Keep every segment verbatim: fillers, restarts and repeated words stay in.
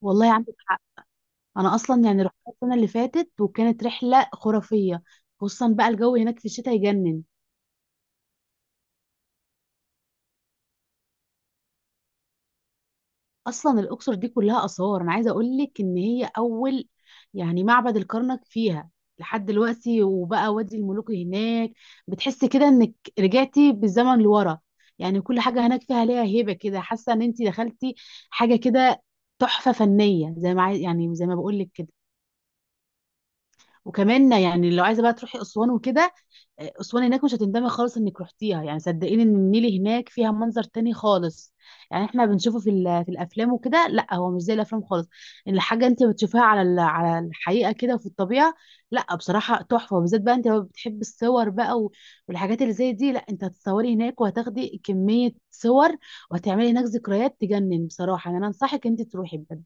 والله عندك حق. انا اصلا يعني رحت السنه اللي فاتت وكانت رحله خرافيه، خصوصا بقى الجو هناك في الشتاء يجنن. اصلا الاقصر دي كلها اثار، انا عايزه اقول لك ان هي اول يعني معبد الكرنك فيها لحد دلوقتي، وبقى وادي الملوك هناك. بتحسي كده انك رجعتي بالزمن لورا، يعني كل حاجه هناك فيها ليها هيبه كده، حاسه ان انت دخلتي حاجه كده تحفه فنيه، زي ما عايز يعني زي ما بقول لك كده. وكمان يعني لو عايزه بقى تروحي اسوان وكده، آه، اسوان هناك مش هتندمي خالص انك رحتيها، يعني صدقيني ان النيل هناك فيها منظر تاني خالص، يعني احنا بنشوفه في ال- في الافلام وكده. لا، هو مش زي الافلام خالص. الحاجه انت بتشوفها على ال- على الحقيقه كده في الطبيعه. لا بصراحه تحفه، بالذات بقى انت لو بتحب الصور بقى و- والحاجات اللي زي دي. لا انت هتتصوري هناك وهتاخدي كميه صور، وهتعملي هناك ذكريات تجنن بصراحه. يعني انا انصحك انت تروحي بجد.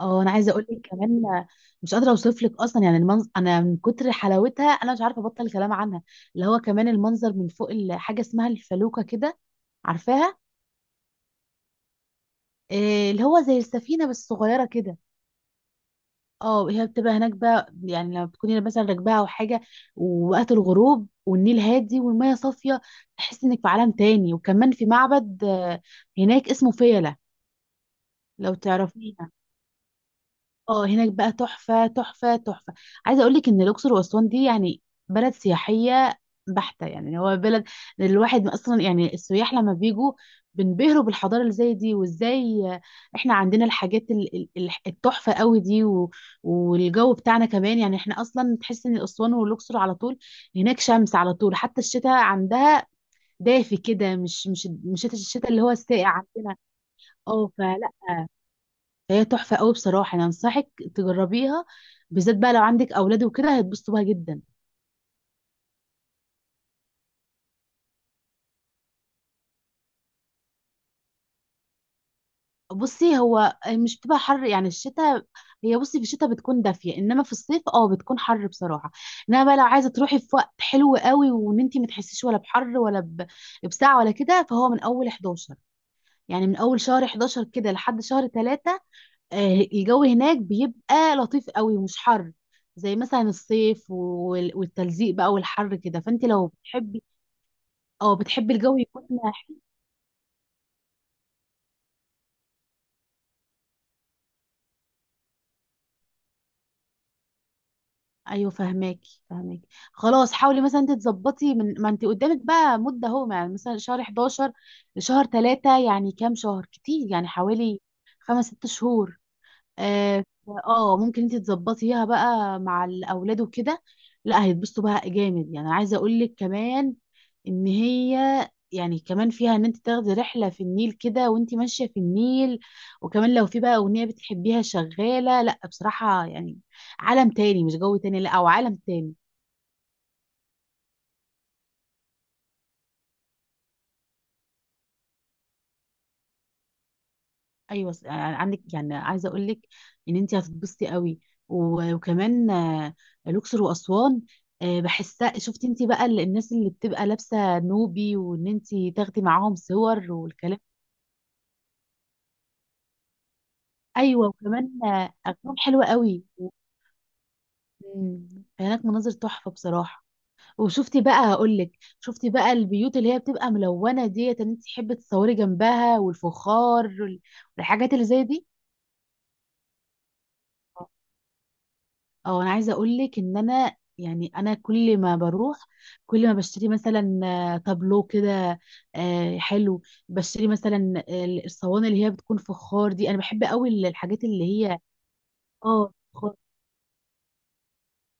اه انا عايزه اقول لك كمان، مش قادره اوصف لك اصلا يعني المنظر، انا من كتر حلاوتها انا مش عارفه ابطل الكلام عنها. اللي هو كمان المنظر من فوق ال- حاجه اسمها الفلوكه كده، عارفاها؟ إيه اللي هو زي السفينه بس صغيره كده. اه هي بتبقى هناك بقى، يعني لما بتكوني مثلا راكباها او حاجه، ووقت الغروب والنيل هادي والميه صافيه، تحس انك في عالم تاني. وكمان في معبد آه، هناك اسمه فيلة، لو تعرفيها. اه هناك بقى تحفة تحفة تحفة. عايزة اقولك ان الاقصر واسوان دي يعني بلد سياحية بحتة، يعني هو بلد الواحد اصلا، يعني السياح لما بيجوا بينبهروا بالحضارة اللي زي دي، وازاي احنا عندنا الحاجات ال- ال- ال- التحفة قوي دي و- والجو بتاعنا كمان. يعني احنا اصلا تحس ان اسوان والاقصر على طول هناك شمس على طول، حتى الشتاء عندها دافي كده، مش مش مش الشتاء اللي هو الساقع عندنا. اه فلا هي تحفة قوي بصراحة، أنا أنصحك تجربيها، بالذات بقى لو عندك أولاد وكده هيتبسطوا بيها جدا. بصي، هو مش بتبقى حر يعني الشتاء، هي بصي في الشتاء بتكون دافية، إنما في الصيف اه بتكون حر بصراحة. إنما بقى لو عايزة تروحي في وقت حلو قوي، وإن أنت ما تحسيش ولا بحر ولا ب- بساعة ولا كده، فهو من أول حداشر، يعني من أول شهر حداشر كده لحد شهر ثلاثة الجو هناك بيبقى لطيف قوي ومش حر، زي مثلا الصيف وال- والتلزيق بقى والحر كده. فانت لو بتحبي اه بتحبي الجو يكون حلو. ايوه فهماكي فهماكي. خلاص حاولي مثلا انت تظبطي من ما انت قدامك بقى مده اهو، يعني مثلا شهر حداشر لشهر تلاته، يعني كام شهر؟ كتير يعني، حوالي خمس ست شهور. اه آه، ممكن انت تظبطيها بقى مع الاولاد وكده. لا هيتبسطوا بقى جامد، يعني عايزه اقول لك كمان ان هي يعني كمان فيها ان انت تاخدي رحله في النيل كده، وانت ماشيه في النيل وكمان لو في بقى اغنيه بتحبيها شغاله، لا بصراحه يعني عالم تاني، مش جو تاني لا او عالم تاني. ايوه س- آه، عندك، يعني عايزه اقول لك ان انت هتتبسطي قوي و- وكمان آه، الاقصر واسوان آه، بحسها. شفتي انت بقى ال- الناس اللي بتبقى لابسه نوبي، وان انت تاخدي معاهم صور والكلام؟ ايوه وكمان آه، اغانيهم حلوه قوي و- مم، هناك مناظر تحفه بصراحه. وشفتي بقى، هقول لك شفتي بقى البيوت اللي هي بتبقى ملونه ديت، ان انت تحبي تصوري جنبها، والفخار وال- والحاجات اللي زي دي. اه انا عايزه اقول لك ان انا يعني انا كل ما بروح كل ما بشتري مثلا آه، تابلو كده آه، حلو، بشتري مثلا آه، الصواني اللي هي بتكون فخار دي. انا بحب قوي الحاجات اللي هي اه فخار.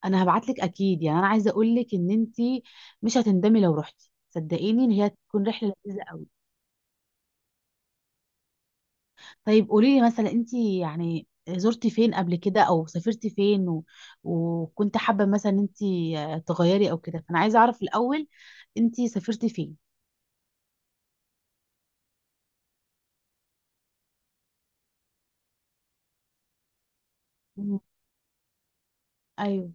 انا هبعت لك اكيد، يعني انا عايزه اقول لك ان انت مش هتندمي لو رحتي، صدقيني ان هي تكون رحله لذيذه قوي. طيب قولي لي مثلا انت يعني زرتي فين قبل كده، او سافرتي فين و... وكنت حابة مثلا انت تغيري او كده؟ فانا عايزة اعرف الاول، انت سافرتي فين؟ مم. ايوه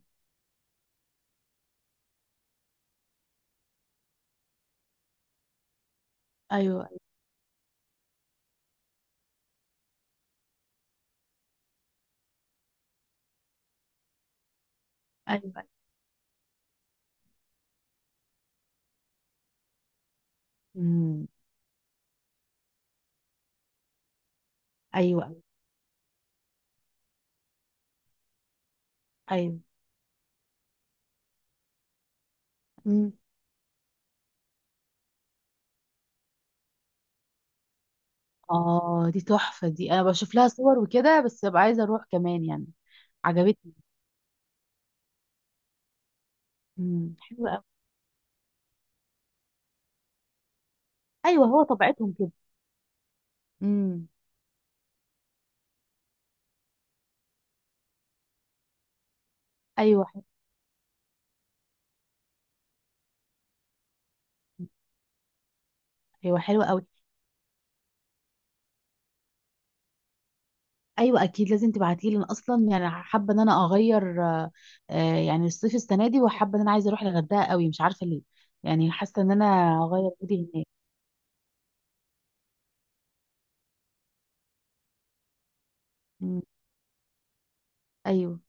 ايوه ايوه. امم. ايوه ايوه ايوه. امم. اه دي تحفة دي، انا بشوف لها صور وكده، بس ببقى عايزة اروح كمان يعني. عجبتني. امم، حلوة قوي. ايوه هو طبيعتهم كده. امم. ايوه حلوة. ايوه حلوة قوي. ايوه اكيد لازم تبعتيه لي، اصلا يعني حابه ان انا اغير آه، آه، يعني الصيف السنه دي، وحابه ان انا عايزه اروح الغردقه قوي مش عارفه ليه، يعني حاسه ان انا هغير مودي هناك. مم. ايوه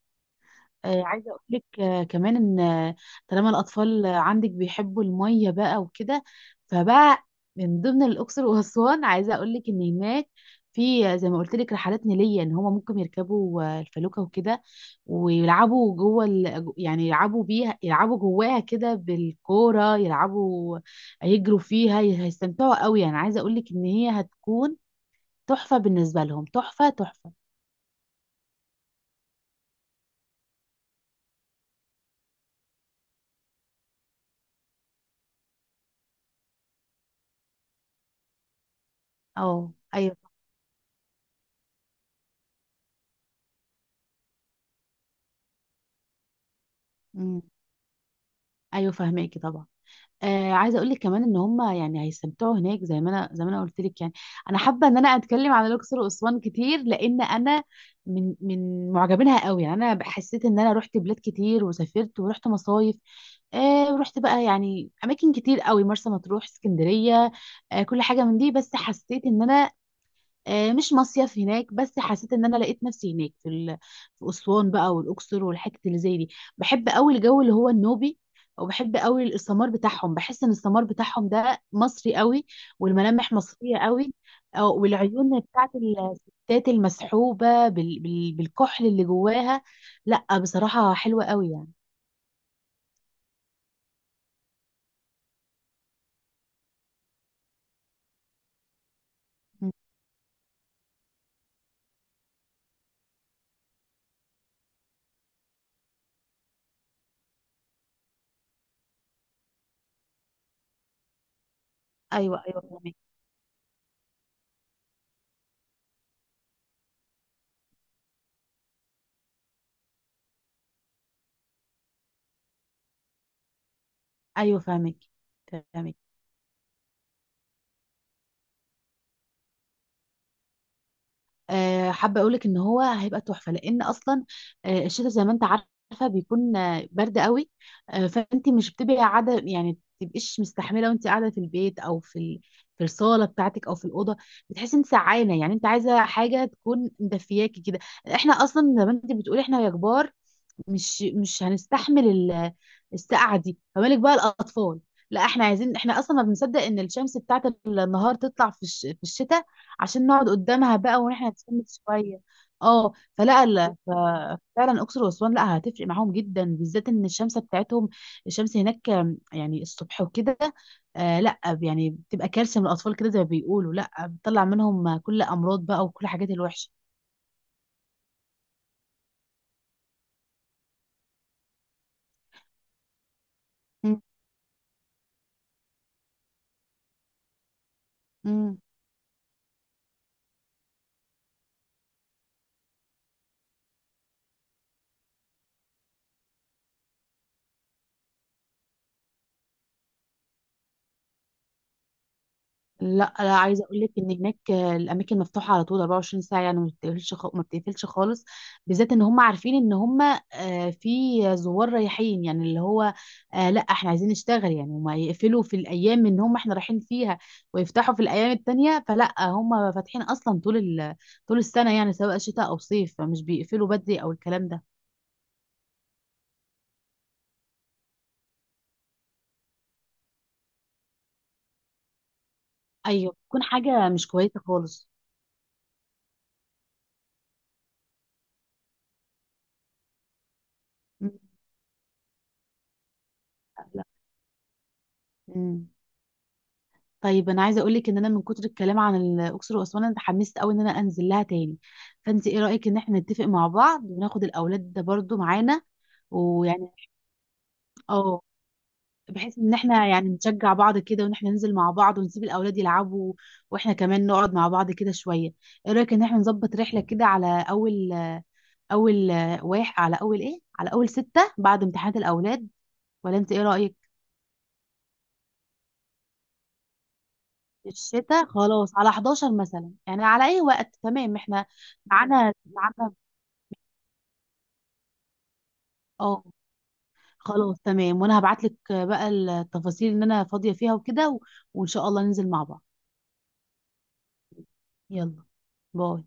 آه، عايزه اقول لك آه، كمان ان آه، طالما الاطفال آه، عندك بيحبوا الميه بقى وكده، فبقى من ضمن الاقصر واسوان عايزه اقول لك ان هناك في آه، زي ما قلت لك رحلات نيليه، ان هما ممكن يركبوا آه، الفلوكه وكده، ويلعبوا جوه ال... يعني يلعبوا بيها، يلعبوا جواها كده بالكوره، يلعبوا آه، يجروا فيها. هيستمتعوا قوي يعني، عايزه اقول لك ان هي هتكون تحفه بالنسبه لهم، تحفه تحفه. اه ايوه. أمم. ايوه فهماكي طبعا. آه عايزه اقول لك كمان ان هم يعني هيستمتعوا هناك، زي ما انا زي ما انا قلت لك يعني، انا حابه ان انا اتكلم عن الاقصر واسوان كتير لان انا من من معجبينها قوي. يعني انا حسيت ان انا رحت بلاد كتير، وسافرت ورحت مصايف آه، ورحت بقى يعني اماكن كتير قوي، مرسى مطروح، اسكندريه، آه كل حاجه من دي. بس حسيت ان انا آه، مش مصيف هناك، بس حسيت ان انا لقيت نفسي هناك في ال... في اسوان بقى والاقصر والحته اللي زي دي. بحب قوي الجو اللي هو النوبي، وبحب قوي السمار بتاعهم، بحس ان السمار بتاعهم ده مصري قوي، والملامح مصريه قوي. آه، والعيون بتاعت الستات المسحوبه بال... بال... بالكحل اللي جواها، لا بصراحه حلوه قوي يعني. مم. ايوه ايوه فاهمك. ايوه فاهمك فاهمك. آه، حابه اقول لك ان هو هيبقى تحفه، لان اصلا آه، الشتاء زي ما انت عارفه بيكون آه، برد قوي. آه، فانت مش بتبقي قاعده يعني، تبقيش مستحمله وانت قاعده في البيت، او في ال- في الصاله بتاعتك، او في الاوضه. بتحسي انت سعانه، يعني انت عايزه حاجه تكون مدفياكي كده. احنا اصلا زي ما انت بتقولي احنا يا كبار مش مش هنستحمل ال- السقعه دي، فما بالك بقى الاطفال. لا احنا عايزين، احنا اصلا ما بنصدق ان الشمس بتاعت النهار تطلع في الش... في الشتاء عشان نقعد قدامها بقى واحنا نتسند شويه. اه فلا لا ف... فعلا اقصر واسوان لا هتفرق معاهم جدا، بالذات ان الشمس بتاعتهم، الشمس هناك يعني الصبح وكده، آه لا يعني بتبقى كارثه من الاطفال كده زي ما بيقولوا، لا بتطلع منهم كل امراض بقى وكل حاجات الوحشه. مم. لا لا عايزه اقول لك ان هناك آه، الاماكن مفتوحه على طول أربعة وعشرين ساعه، يعني ما بتقفلش خ- ما بتقفلش خالص، بالذات ان هم عارفين ان هم آه، في زوار رايحين، يعني اللي هو آه، لا احنا عايزين نشتغل، يعني هم يقفلوا في الايام ان هم احنا رايحين فيها، ويفتحوا في الايام التانية. فلا هم فاتحين اصلا طول ال- طول السنه، يعني سواء شتاء او صيف، فمش بيقفلوا بدري او الكلام ده. ايوه بتكون حاجه مش كويسه خالص. مم. لا. مم. طيب انا عايزه اقول لك ان انا من كتر الكلام عن الاقصر واسوان انا اتحمست قوي ان انا انزل لها تاني. فانت ايه رايك ان احنا نتفق مع بعض وناخد الاولاد ده برضو معانا، ويعني اه بحيث ان احنا يعني نشجع بعض كده، وان احنا ننزل مع بعض ونسيب الاولاد يلعبوا، واحنا كمان نقعد مع بعض كده شويه. ايه رايك ان احنا نظبط رحله كده على اول اول واحد، على اول ايه، على اول ستة بعد امتحانات الاولاد، ولا انت ايه رايك؟ الشتاء خلاص على حداشر مثلا، يعني على اي وقت تمام احنا، معانا معانا. اه خلاص تمام. وانا هبعت لك بقى التفاصيل ان انا فاضية فيها وكده، و... وان شاء الله ننزل مع بعض. يلا. باي.